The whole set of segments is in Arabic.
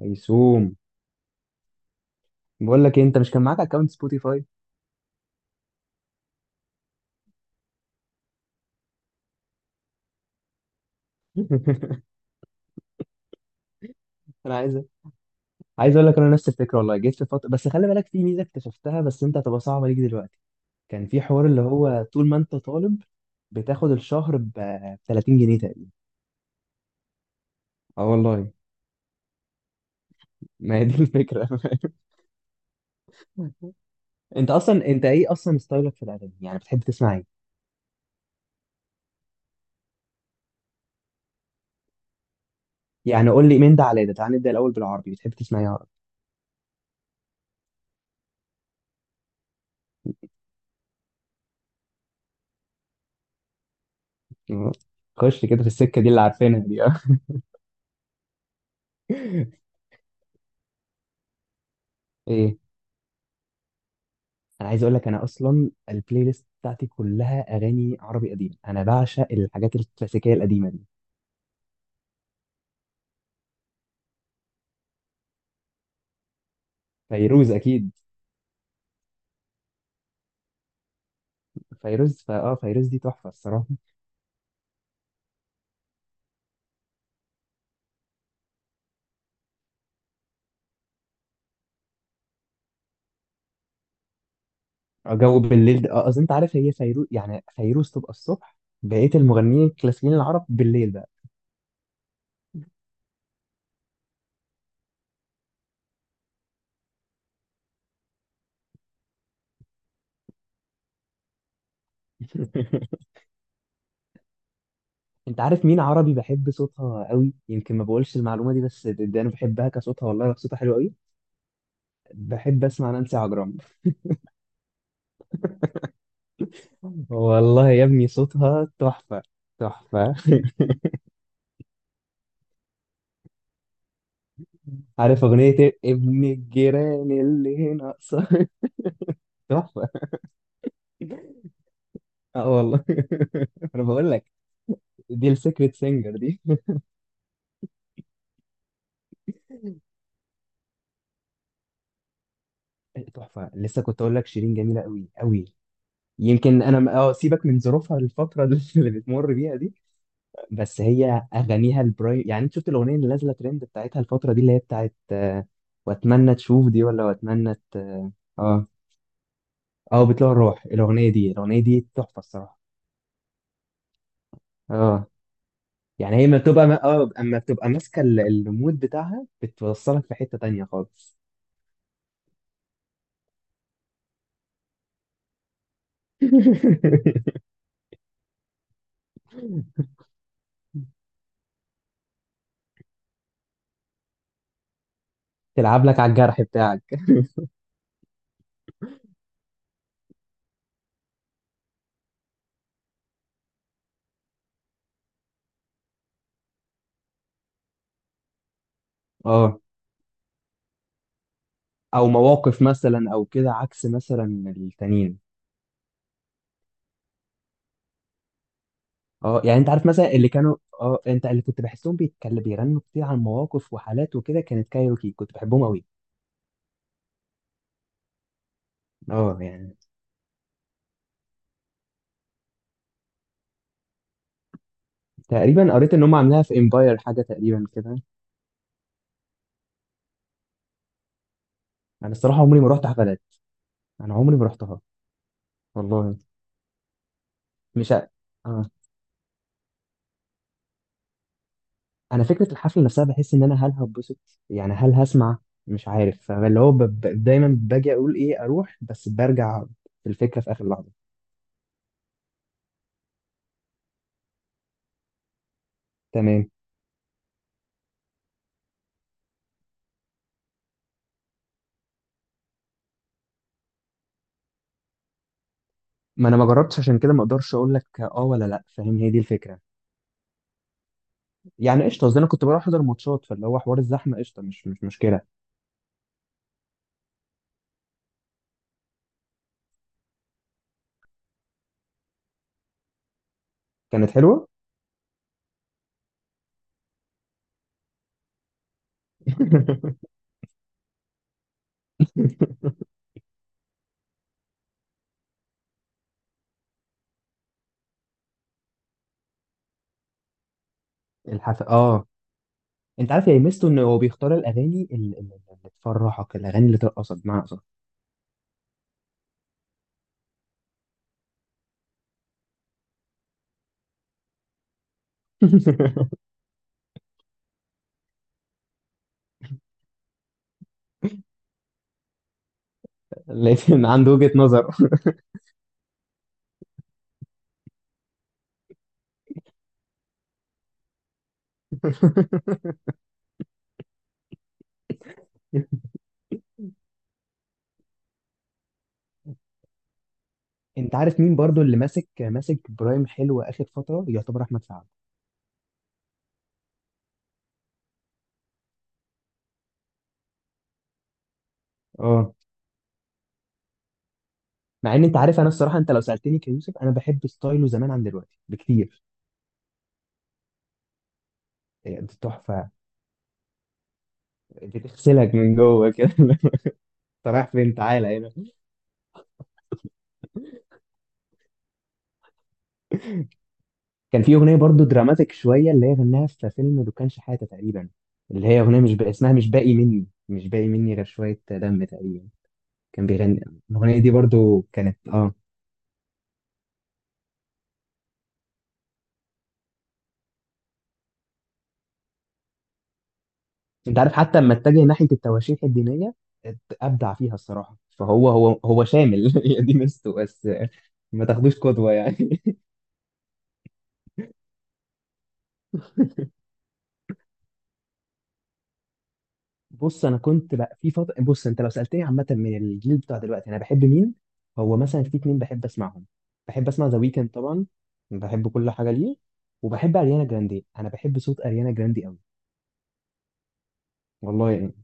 هيسوم، بقول لك إيه، انت مش كان معاك اكونت سبوتيفاي؟ انا عايز اقول لك انا نفس الفكره، والله جيت في فتره، بس خلي بالك في ميزه اكتشفتها بس انت هتبقى صعبه ليك دلوقتي. كان في حوار اللي هو طول ما انت طالب بتاخد الشهر ب 30 جنيه تقريبا. اه والله. ما هي دي الفكره. انت ايه اصلا ستايلك في الاغاني؟ يعني بتحب تسمع ايه؟ يعني قول لي من ده على ده، تعال نبدا الاول بالعربي، بتحب تسمع ايه عربي؟ خش كده في السكه دي اللي عارفينها دي. اه، ايه. انا عايز اقول لك انا اصلا البلاي ليست بتاعتي كلها اغاني عربي قديم، انا بعشق الحاجات الكلاسيكيه القديمه دي. فيروز اكيد. فيروز فا اه فيروز دي تحفه الصراحه. جو بالليل ده. اه اصل انت عارف هي فيروز، يعني فيروز تبقى الصبح، بقيه المغنيين الكلاسيكيين العرب بالليل بقى. انت عارف مين عربي بحب صوتها قوي؟ يمكن ما بقولش المعلومه دي، بس ده انا بحبها كصوتها، والله صوتها حلو قوي. بحب اسمع نانسي عجرم. والله يا ابني صوتها تحفه. تحفه. عارف اغنية إيه؟ ابن الجيران اللي هنا قصر. تحفة. اه والله. انا بقول لك، دي السيكريت سينجر دي. تحفة. لسه كنت اقول لك شيرين جميلة قوي قوي. يمكن انا سيبك من ظروفها الفترة اللي بتمر بيها دي. بس هي اغانيها البرايم، يعني انت شفت الاغنية اللي نازلة ترند بتاعتها الفترة دي اللي هي بتاعت واتمنى تشوف دي، ولا واتمنى اه اه بتلوع الروح. الاغنية دي تحفة الصراحة. اه يعني هي ما بتبقى ما... اه اما بتبقى ماسكه المود بتاعها، بتوصلك في حته تانية خالص. تلعب لك على الجرح بتاعك. اه، او مواقف مثلا او كده عكس مثلا. التانيين. اه يعني انت عارف مثلا، اللي كانوا اه انت اللي كنت بحسهم بيتكلم، بيغنوا كتير عن مواقف وحالات وكده، كانت كايروكي، كنت بحبهم قوي. اه يعني تقريبا قريت ان هم عاملاها في امباير حاجه تقريبا كده. انا الصراحه عمري ما رحت حفلات. انا عمري ما رحتها. والله مش ع- آه. انا فكره الحفله نفسها بحس ان انا، هل هتبسط؟ يعني هل هسمع؟ مش عارف، فاللي هو ب... ب... دايما باجي اقول ايه اروح بس برجع الفكره في اخر لحظه. تمام. ما انا ما جربتش عشان كده، ما اقدرش اقول لك اه ولا لا، فاهم، هي دي الفكره. يعني قشطه، قصدي انا كنت بروح احضر ماتشات، فاللي هو حوار الزحمه قشطه، مش مشكله. كانت حلوه. الحفله اه. انت عارف يا ميزته ان هو بيختار الاغاني اللي تفرحك، الاغاني اللي ترقصك بمعنى اصح. لقيت ان عنده وجهه نظر. انت عارف مين برضو اللي ماسك برايم حلو اخر فتره؟ يعتبر احمد سعد. اه، مع ان انت عارف، انا الصراحه انت لو سالتني كيوسف، انا بحب ستايله زمان عن دلوقتي بكتير. يعني تحفه. بتغسلك من جوه كده. انت رايح فين؟ تعالى هنا. كان في اغنيه برضو دراماتيك شويه، اللي هي غناها في فيلم دكان شحاته تقريبا، اللي هي اغنيه مش بقى اسمها، مش باقي مني غير شويه دم تقريبا، كان بيغني. الاغنيه دي برضو كانت انت عارف حتى لما اتجه ناحيه التواشيح الدينيه ابدع فيها الصراحه. فهو هو هو شامل. هي دي ميزته بس، ما تاخدوش قدوه يعني. بص، انا كنت بقى في فتره بص انت لو سالتني عامه من الجيل بتاع دلوقتي انا بحب مين؟ هو مثلا في اتنين بحب اسمعهم. بحب اسمع ذا ويكند طبعا. بحب كل حاجه ليه. وبحب اريانا جراندي، انا بحب صوت اريانا جراندي قوي. والله يعني.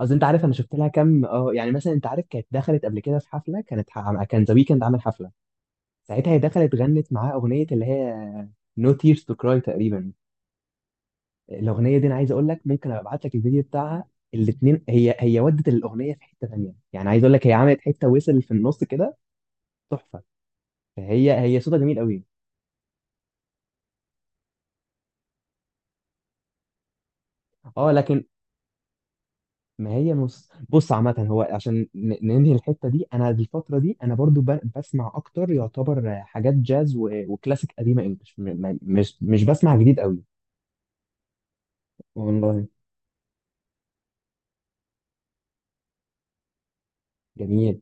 اصل انت عارف، انا شفت لها كام يعني. مثلا انت عارف كانت دخلت قبل كده في حفله، كان ذا ويكند عامل حفله. ساعتها هي دخلت غنت معاه اغنيه اللي هي No Tears to Cry تقريبا. الاغنيه دي انا عايز اقول لك، ممكن ابقى ابعت لك الفيديو بتاعها. الاثنين هي ودت الاغنيه في حته ثانيه، يعني عايز اقول لك هي عملت حته وصل في النص كده. تحفه. فهي صوتها جميل قوي. اه، لكن ما هي مص... بص عامه، هو عشان ننهي الحته دي، انا الفتره دي انا برضو ب... بسمع اكتر يعتبر حاجات جاز وكلاسيك قديمه انجلش، مش بسمع جديد قوي. والله جميل.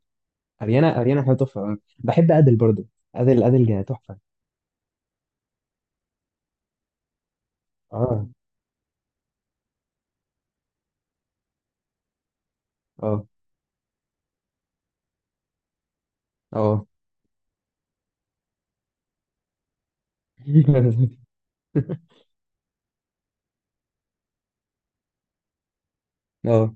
اريانا حاجه تحفه. بحب ادل برضو. ادل تحفه. اه، اه، اه. اه،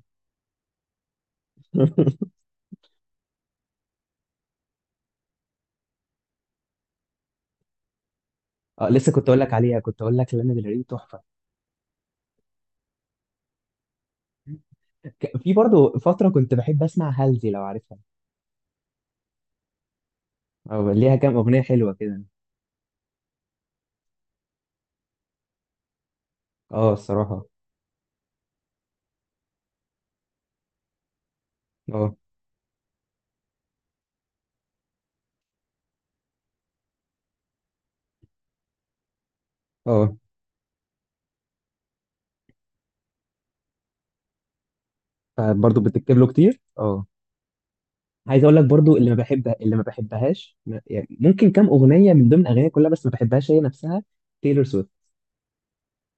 اه. لسه كنت اقول لك عليها، كنت اقول لك لانا ديل ري تحفه. في برضو فتره كنت بحب اسمع هالزي لو عارفها. اه، ليها كام اغنيه حلوه كده. اه، الصراحه. اه، اه، برضه بتكتب له كتير. اه، عايز اقول لك برضو، اللي ما بحبهاش، يعني ممكن كام اغنيه من ضمن اغانيها كلها بس ما بحبهاش هي نفسها. تايلور سويفت.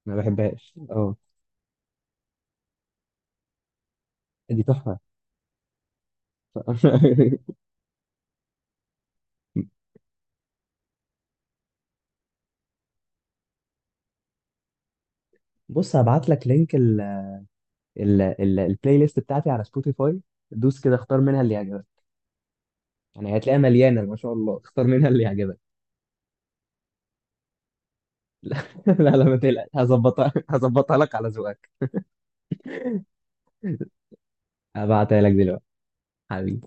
ما بحبهاش اه. دي تحفه. بص، هبعت لك لينك ال ال ال البلاي ليست بتاعتي على سبوتيفاي. دوس كده اختار منها اللي يعجبك. يعني هتلاقيها مليانة ما شاء الله. اختار منها اللي يعجبك. لا، لا، لا، ما تقلقش، هظبطها لك على ذوقك. هبعتها لك دلوقتي. حبيبي.